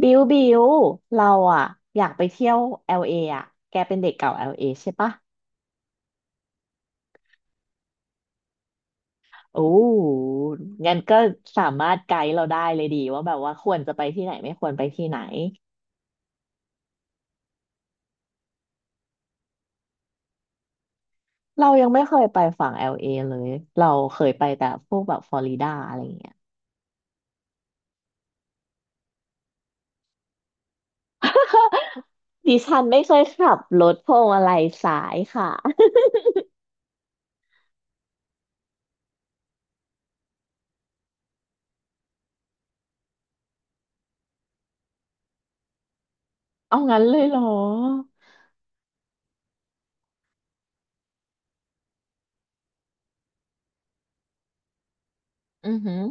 บิวบิวเราอะอยากไปเที่ยว LA อลเออะแกเป็นเด็กเก่าแอลเ a ใช่ปะโอ้งั้นก็สามารถไกด์เราได้เลยดีว่าแบบว่าควรจะไปที่ไหนไม่ควรไปที่ไหนเรายังไม่เคยไปฝั่ง LA เอเลยเราเคยไปแต่พวกแบบฟลอริดาอะไรอย่างเงี้ยดิฉันไม่เคยขับรถพวงมาลัยสายค่ะเอางั้นเลยเหรออือหือ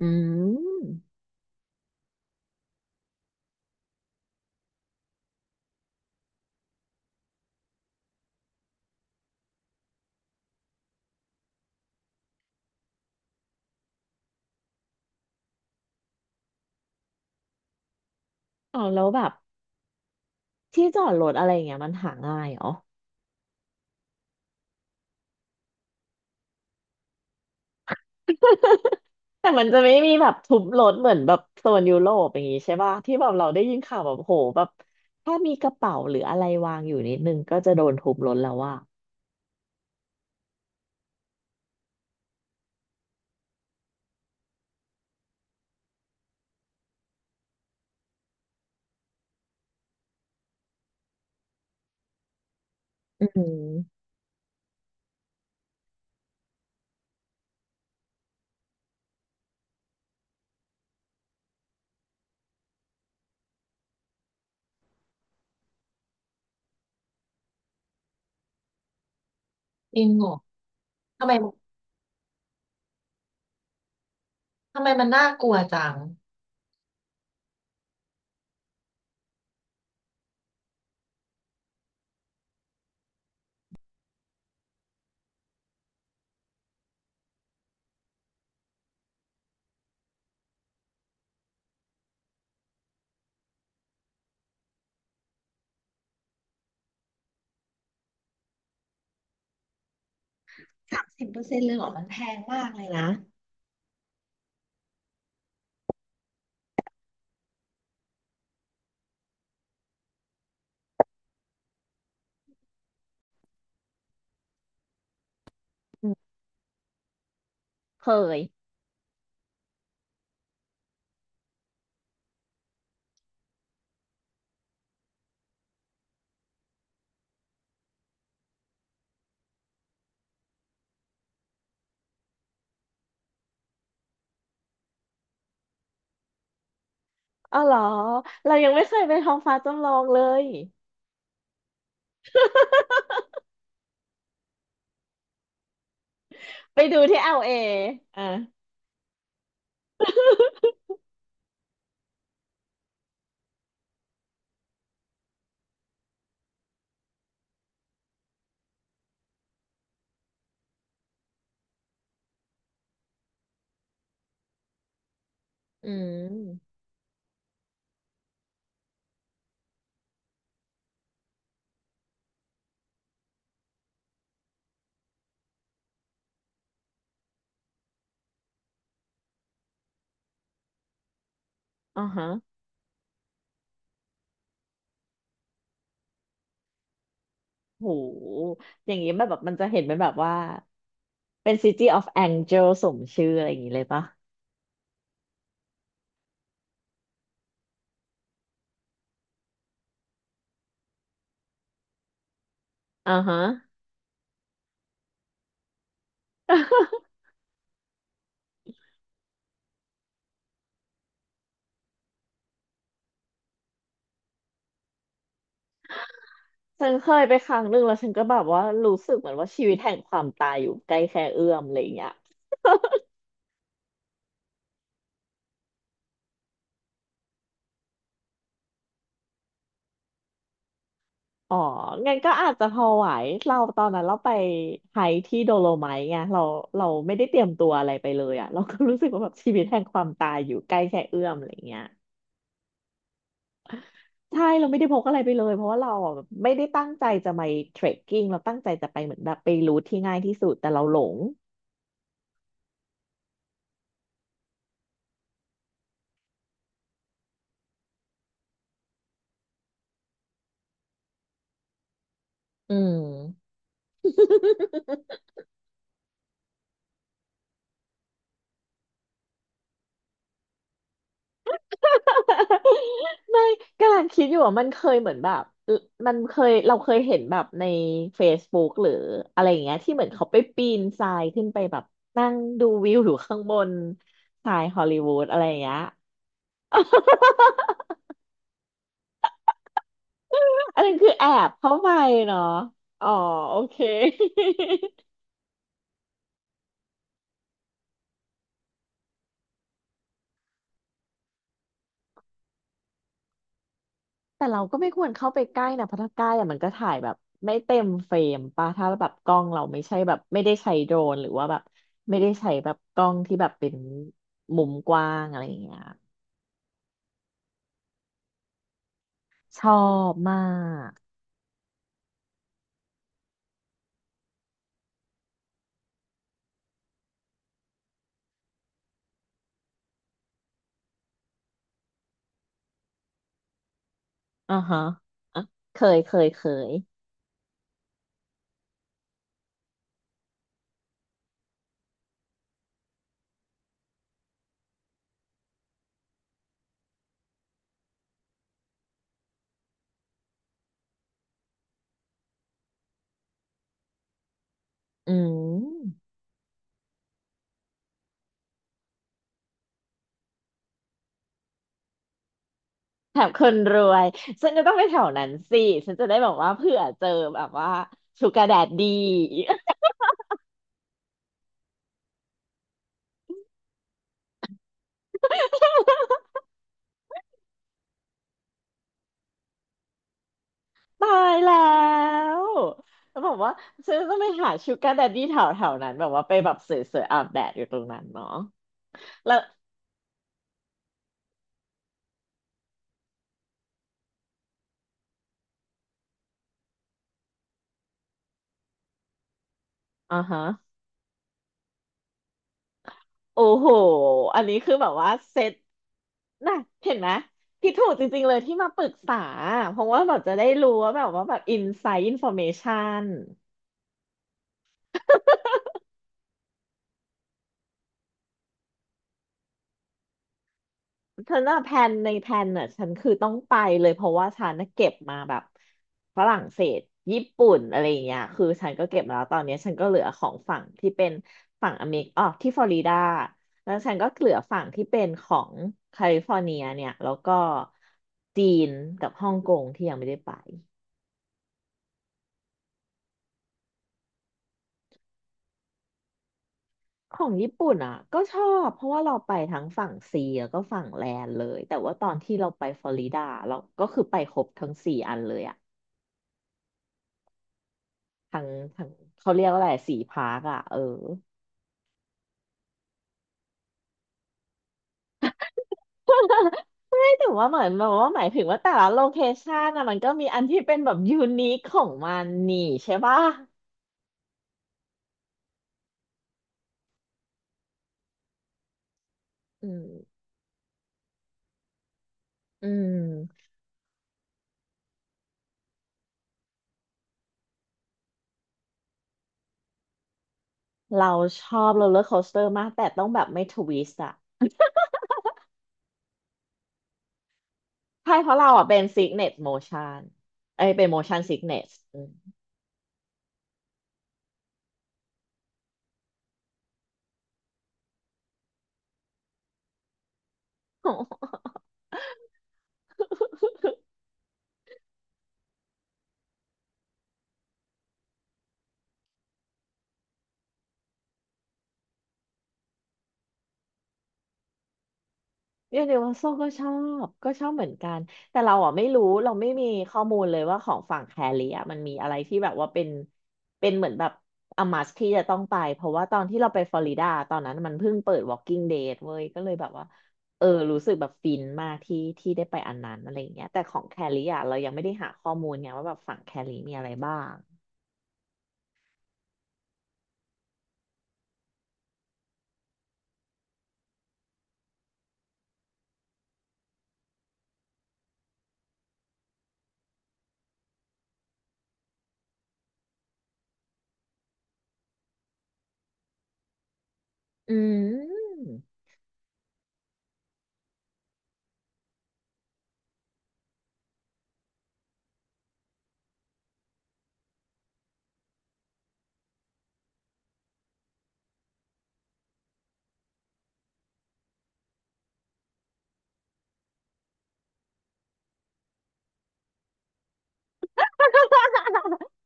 อืมเอาแล้วแบบที่จอดรถอะไรอย่างเงี้ยมันหาง่ายเหรอ แต่มันจะไม่มีแบบทุบรถเหมือนแบบโซนยุโรปอย่างงี้ใช่ป่ะที่แบบเราได้ยินข่าวแบบโหแบบถ้ามีกระเป๋าหรืออะไรวางอยู่นิดนึงก็จะโดนทุบรถแล้วว่าอืมจริงเหรอทำไมทำไมมันน่ากลัวจังสามสิบเปอร์เซ็นต์เลยเหรอมันแพงมากเลยนะอืมเคยอ๋อเหรอเรายังไม่เคยไปท้องฟ้าจำลองเลยไปดูที่เอลเออ่ะอืมอ่าฮะโหอย่างนี้แบบแบบมันจะเห็นเป็นแบบว่า เป็น City of Angel สมชื่ออะไรอย่างนี้เลยปะอ่าฮะ ฉันเคยไปครั้งหนึ่งแล้วฉันก็แบบว่ารู้สึกเหมือนว่าชีวิตแห่งความตายอยู่ใกล้แค่เอื้อมอะไรอย่างเงี้ยอ๋องั้นก็อาจจะพอไหวเราตอนนั้นเราไปไฮค์ที่โดโลไมท์ไงเราเราไม่ได้เตรียมตัวอะไรไปเลยอ่ะเราก็รู้สึกว่าแบบชีวิตแห่งความตายอยู่ใกล้แค่เอื้อมอะไรอย่างเงี้ยใช่เราไม่ได้พกอะไรไปเลยเพราะว่าเราอ่ะแบบไม่ได้ตั้งใจจะไปเทรคกิ้งเราตั้งใจจะไปเหมือนแบบไปรูทที่ง่ายที่สุดแต่เราหลงอืม ไม่กำลังคิดอยู่ว่ามันเคยเหมือนแบบมันเคยเราเคยเห็นแบบใน Facebook หรืออะไรอย่างเงี้ยที่เหมือนเขาไปปีนทรายขึ้นไปแบบนั่งดูวิวอยู่ข้างบนทรายฮอลลีวูดอะไรอย่างเงี้ย อันนั้นคือแอบเข้าไปเนาะอ๋อโอเค แต่เราก็ไม่ควรเข้าไปใกล้นะเพราะถ้าใกล้อะมันก็ถ่ายแบบไม่เต็มเฟรมป่ะถ้าแบบกล้องเราไม่ใช่แบบไม่ได้ใช้โดรนหรือว่าแบบไม่ได้ใช้แบบกล้องที่แบบเป็นมุมกว้างอะไรอย่างเงี้ย ชอบมากอ่าฮะอ่ะเคย เคยเคยอืมแถมคนรวยฉันจะต้องไปแถวนั้นสิฉันจะได้แบบว่าเผื่อเจอแบบว่าชูการ์แดดดี ตายแล้วแล้วบอกว่าฉันจะต้องไปหาชูการ์แดดดี้แถวแถวนั้นแบบว่าไปแบบสวยๆอาบแดดอยู่ตรงนั้นเนาะแล้วอ่าฮะโอ้โหอันนี้คือแบบว่าเซต น่ะเห็นไหมพี่ถูกจริงๆเลยที่มาปรึกษาเพราะว่าแบบจะได้รู้ว่าแบบว่าแบบอินไซต์อินฟอร์เมชันเธอน่ะแพลนในแพลนน่ะฉันคือต้องไปเลยเพราะว่าฉันน่ะเก็บมาแบบฝรั่งเศสญี่ปุ่นอะไรอย่างเงี้ยคือฉันก็เก็บมาแล้วตอนเนี้ยฉันก็เหลือของฝั่งที่เป็นฝั่งอเมริกอ๋อที่ฟลอริดาแล้วฉันก็เหลือฝั่งที่เป็นของแคลิฟอร์เนียเนี่ยแล้วก็จีนกับฮ่องกงที่ยังไม่ได้ไป ของญี่ปุ่นอ่ะก็ชอบเพราะว่าเราไปทั้งฝั่งซีแล้วก็ฝั่งแลนเลยแต่ว่าตอนที่เราไปฟลอริดาเราก็คือไปครบทั้งสี่อันเลยอ่ะทั้งทั้งเขาเรียกว่าอะไรสี่พาร์คอ่ะเออ ไม่ถึงว่าเหมือนแบบว่าหมายถึงว่าแต่ละโลเคชันอะมันก็มีอันที่เป็นแบบยูนิคของมันนี่ใช่ปะอืมอืมเราชอบโรลเลอร์โคสเตอร์มากแต่ต้องแบบไม่ทวิสต์อะใช่เพราะเราอะเป็นซิกเนสโมชันเอ้ยเป็นโมชันซิกเนส ยูนิเวอร์แซลก็ชอบก็ชอบเหมือนกันแต่เราอ่ะไม่รู้เราไม่มีข้อมูลเลยว่าของฝั่งแคลิอ่ะมันมีอะไรที่แบบว่าเป็นเป็นเหมือนแบบอามัสที่จะต้องไปเพราะว่าตอนที่เราไปฟลอริดาตอนนั้นมันเพิ่งเปิด Walking Dead เว้ยก็เลยแบบว่าเออรู้สึกแบบฟินมากที่ที่ได้ไปอันนั้นอะไรอย่างเงี้ยแต่ของแคลิอ่ะเรายังไม่ได้หาข้อมูลไงว่าแบบฝั่งแคลิมีอะไรบ้างอืม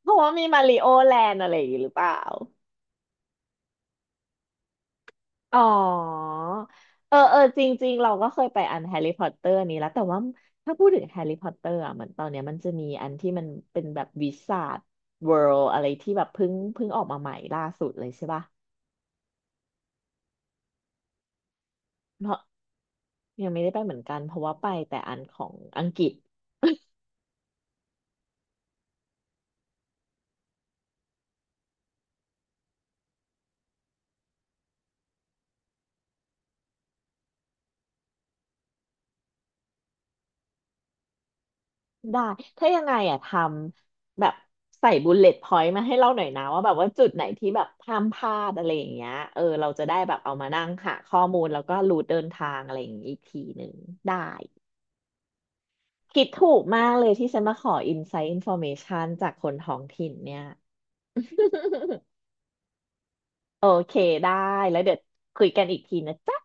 เพราะว่ามีมาริโอแลนด์อะไรอย่างงี้หรือเปล่า อ๋อเออเออจริงๆเราก็เคยไปอันแฮร์รี่พอตเตอร์นี้แล้วแต่ว่าถ้าพูดถึงแฮร์รี่พอตเตอร์อ่ะเหมือนตอนเนี้ยมันจะมีอันที่มันเป็นแบบวิสาทเวิลด์อะไรที่แบบเพิ่งออกมาใหม่ล่าสุดเลยใช่ป่ะเพราะยังไม่ได้ไปเหมือนกันเพราะว่าไปแต่อันของอังกฤษได้ถ้ายังไงอ่ะทำแบบใส่บุลเลต์พอยต์มาให้เราหน่อยนะว่าแบบว่าจุดไหนที่แบบห้ามพลาดอะไรอย่างเงี้ยเออเราจะได้แบบเอามานั่งหาข้อมูลแล้วก็รูทเดินทางอะไรอย่างงี้อีกทีหนึ่งได้ คิดถูกมากเลยที่ฉันมาขออินไซต์อินฟ r m a เมชันจากคนท้องถิ่นเนี่ย โอเคได้แล้วเดี๋ยวคุยกันอีกทีนะจ๊ะ